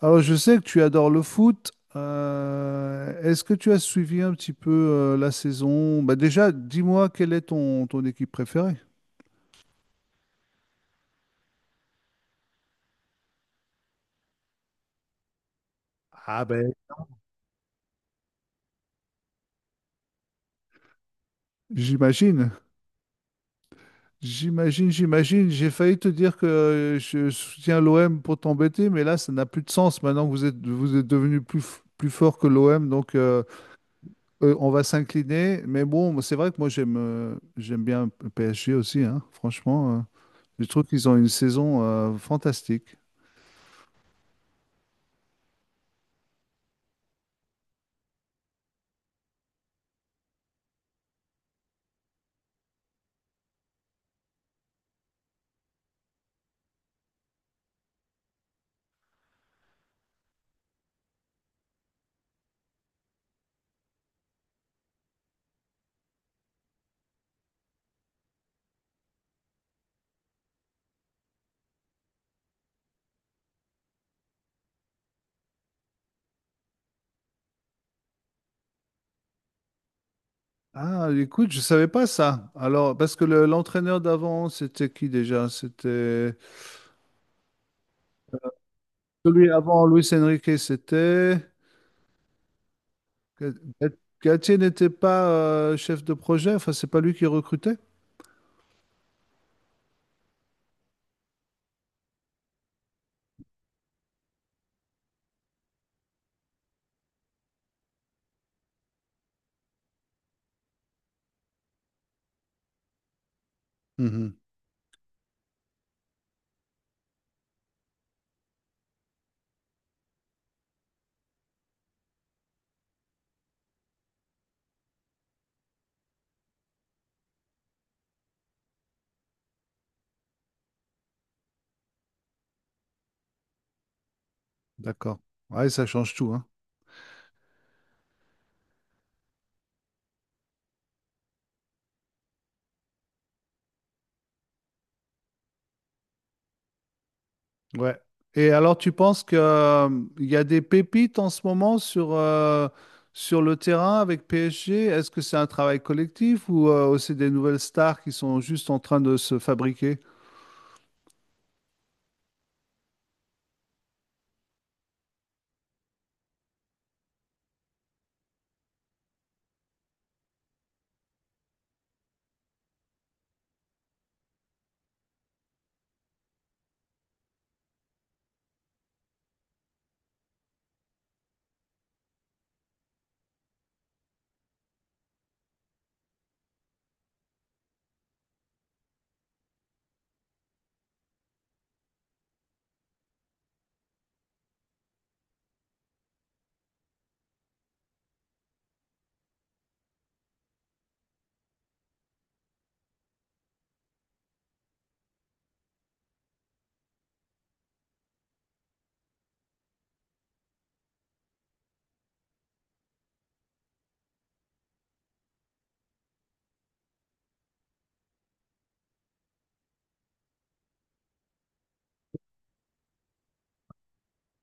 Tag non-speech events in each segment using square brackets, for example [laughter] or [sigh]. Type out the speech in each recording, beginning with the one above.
Alors, je sais que tu adores le foot. Est-ce que tu as suivi un petit peu la saison? Bah déjà, dis-moi quelle est ton équipe préférée? Ah ben, j'imagine, j'imagine, j'imagine. J'ai failli te dire que je soutiens l'OM pour t'embêter, mais là, ça n'a plus de sens maintenant que vous êtes devenu plus, plus fort que l'OM. Donc, on va s'incliner. Mais bon, c'est vrai que moi, j'aime bien le PSG aussi, hein, franchement. Je trouve qu'ils ont une saison fantastique. Ah, écoute, je savais pas ça. Alors, parce que l'entraîneur d'avant, c'était qui déjà? C'était celui avant Luis Enrique, c'était Ga- Ga- Galtier n'était pas chef de projet. Enfin, c'est pas lui qui recrutait. Mhm. D'accord. Ouais, ça change tout, hein. Ouais. Et alors, tu penses que il y a des pépites en ce moment sur sur le terrain avec PSG? Est-ce que c'est un travail collectif ou aussi des nouvelles stars qui sont juste en train de se fabriquer?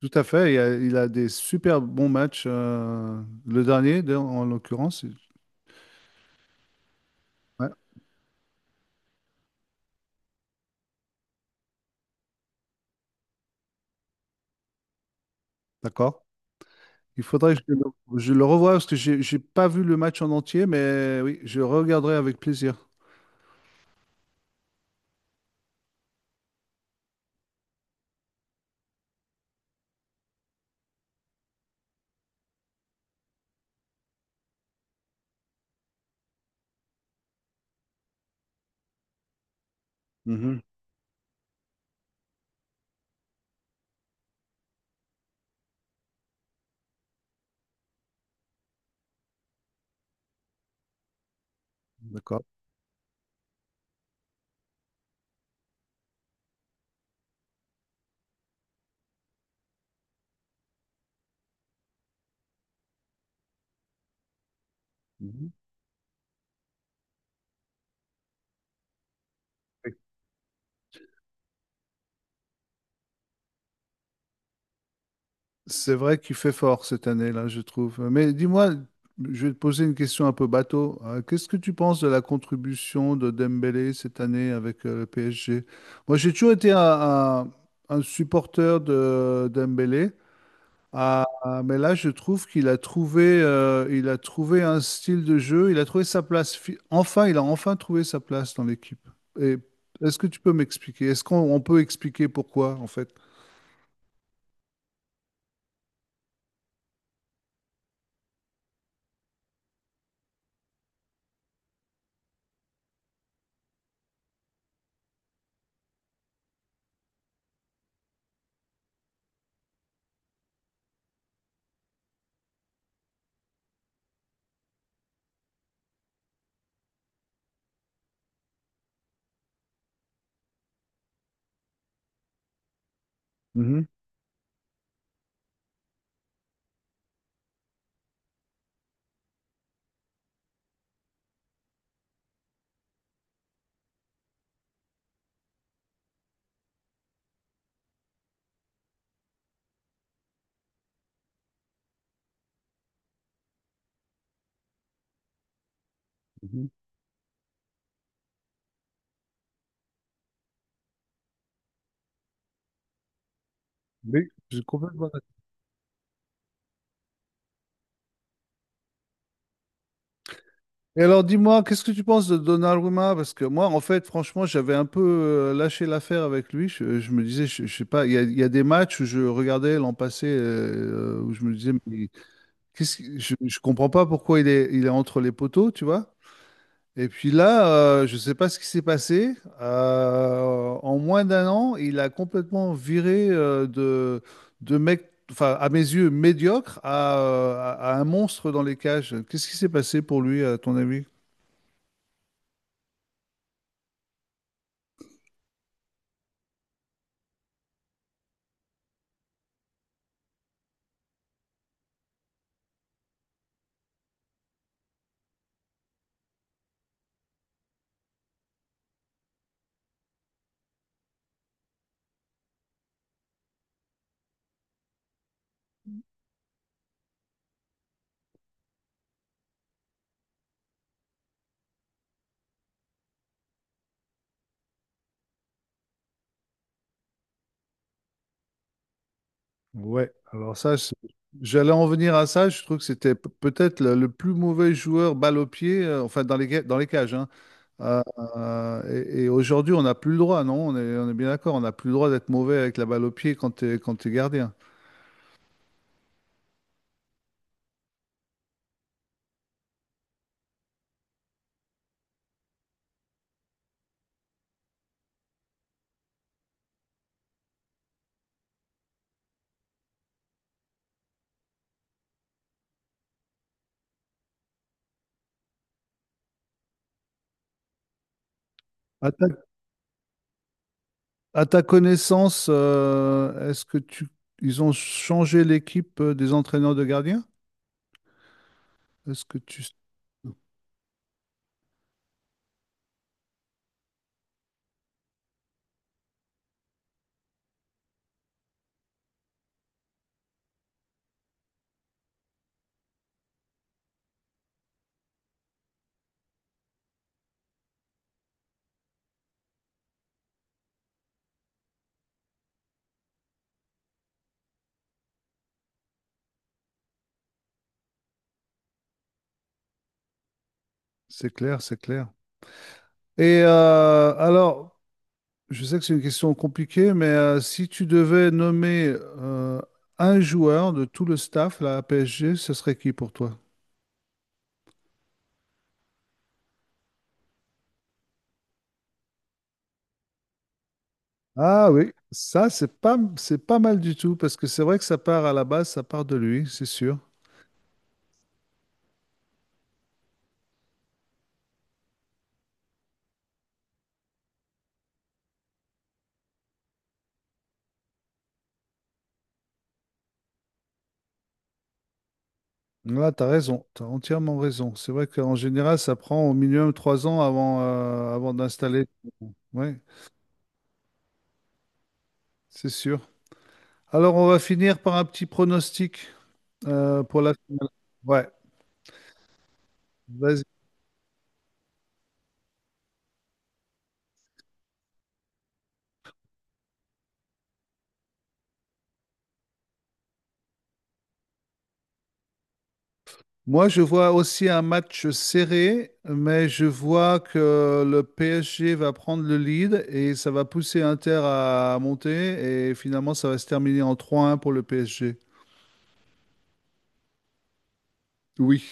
Tout à fait, il a des super bons matchs. Le dernier, d'ailleurs, en l'occurrence. Ouais, d'accord. Il faudrait que je le revoie parce que j'ai pas vu le match en entier, mais oui, je regarderai avec plaisir. Mhm. D'accord. Mhm. C'est vrai qu'il fait fort cette année-là, je trouve. Mais dis-moi, je vais te poser une question un peu bateau. Qu'est-ce que tu penses de la contribution de Dembélé cette année avec le PSG? Moi, j'ai toujours été un supporter de Dembélé. Ah, ah, mais là, je trouve qu'il a il a trouvé un style de jeu, il a trouvé sa place. Enfin, il a enfin trouvé sa place dans l'équipe. Et est-ce que tu peux m'expliquer? Est-ce qu'on on peut expliquer pourquoi, en fait? Mhm, mhm. Oui, j'ai complètement d'accord. Et alors, dis-moi, qu'est-ce que tu penses de Donnarumma? Parce que moi, en fait, franchement, j'avais un peu lâché l'affaire avec lui. Je me disais, je sais pas, il y a des matchs où je regardais l'an passé, où je me disais, mais je comprends pas pourquoi il est entre les poteaux, tu vois? Et puis là, je ne sais pas ce qui s'est passé. En moins d'un an, il a complètement viré de mec, enfin, à mes yeux, médiocre à un monstre dans les cages. Qu'est-ce qui s'est passé pour lui, à ton avis? Ouais, alors ça, j'allais en venir à ça. Je trouve que c'était peut-être le plus mauvais joueur balle au pied, enfin, dans dans les cages, hein. Euh, et aujourd'hui, on n'a plus le droit, non? On est bien d'accord, on n'a plus le droit d'être mauvais avec la balle au pied quand tu es, quand t'es gardien. À ta connaissance, est-ce que tu ils ont changé l'équipe des entraîneurs de gardiens? Est-ce que tu c'est clair, c'est clair. Et alors, je sais que c'est une question compliquée, mais si tu devais nommer un joueur de tout le staff là, à PSG, ce serait qui pour toi? Ah oui, ça c'est pas mal du tout parce que c'est vrai que ça part à la base, ça part de lui, c'est sûr. Là, t'as raison, t'as entièrement raison. C'est vrai qu'en général, ça prend au minimum 3 ans avant, avant d'installer. Ouais, c'est sûr. Alors, on va finir par un petit pronostic pour la. Ouais, vas-y. Moi, je vois aussi un match serré, mais je vois que le PSG va prendre le lead et ça va pousser Inter à monter et finalement ça va se terminer en 3-1 pour le PSG. Oui.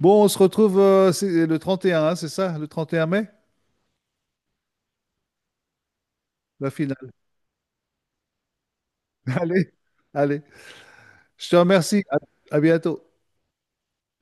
Bon, on se retrouve c'est le 31, hein, c'est ça, le 31 mai, la finale. [laughs] Allez, allez. Je te remercie. À à bientôt.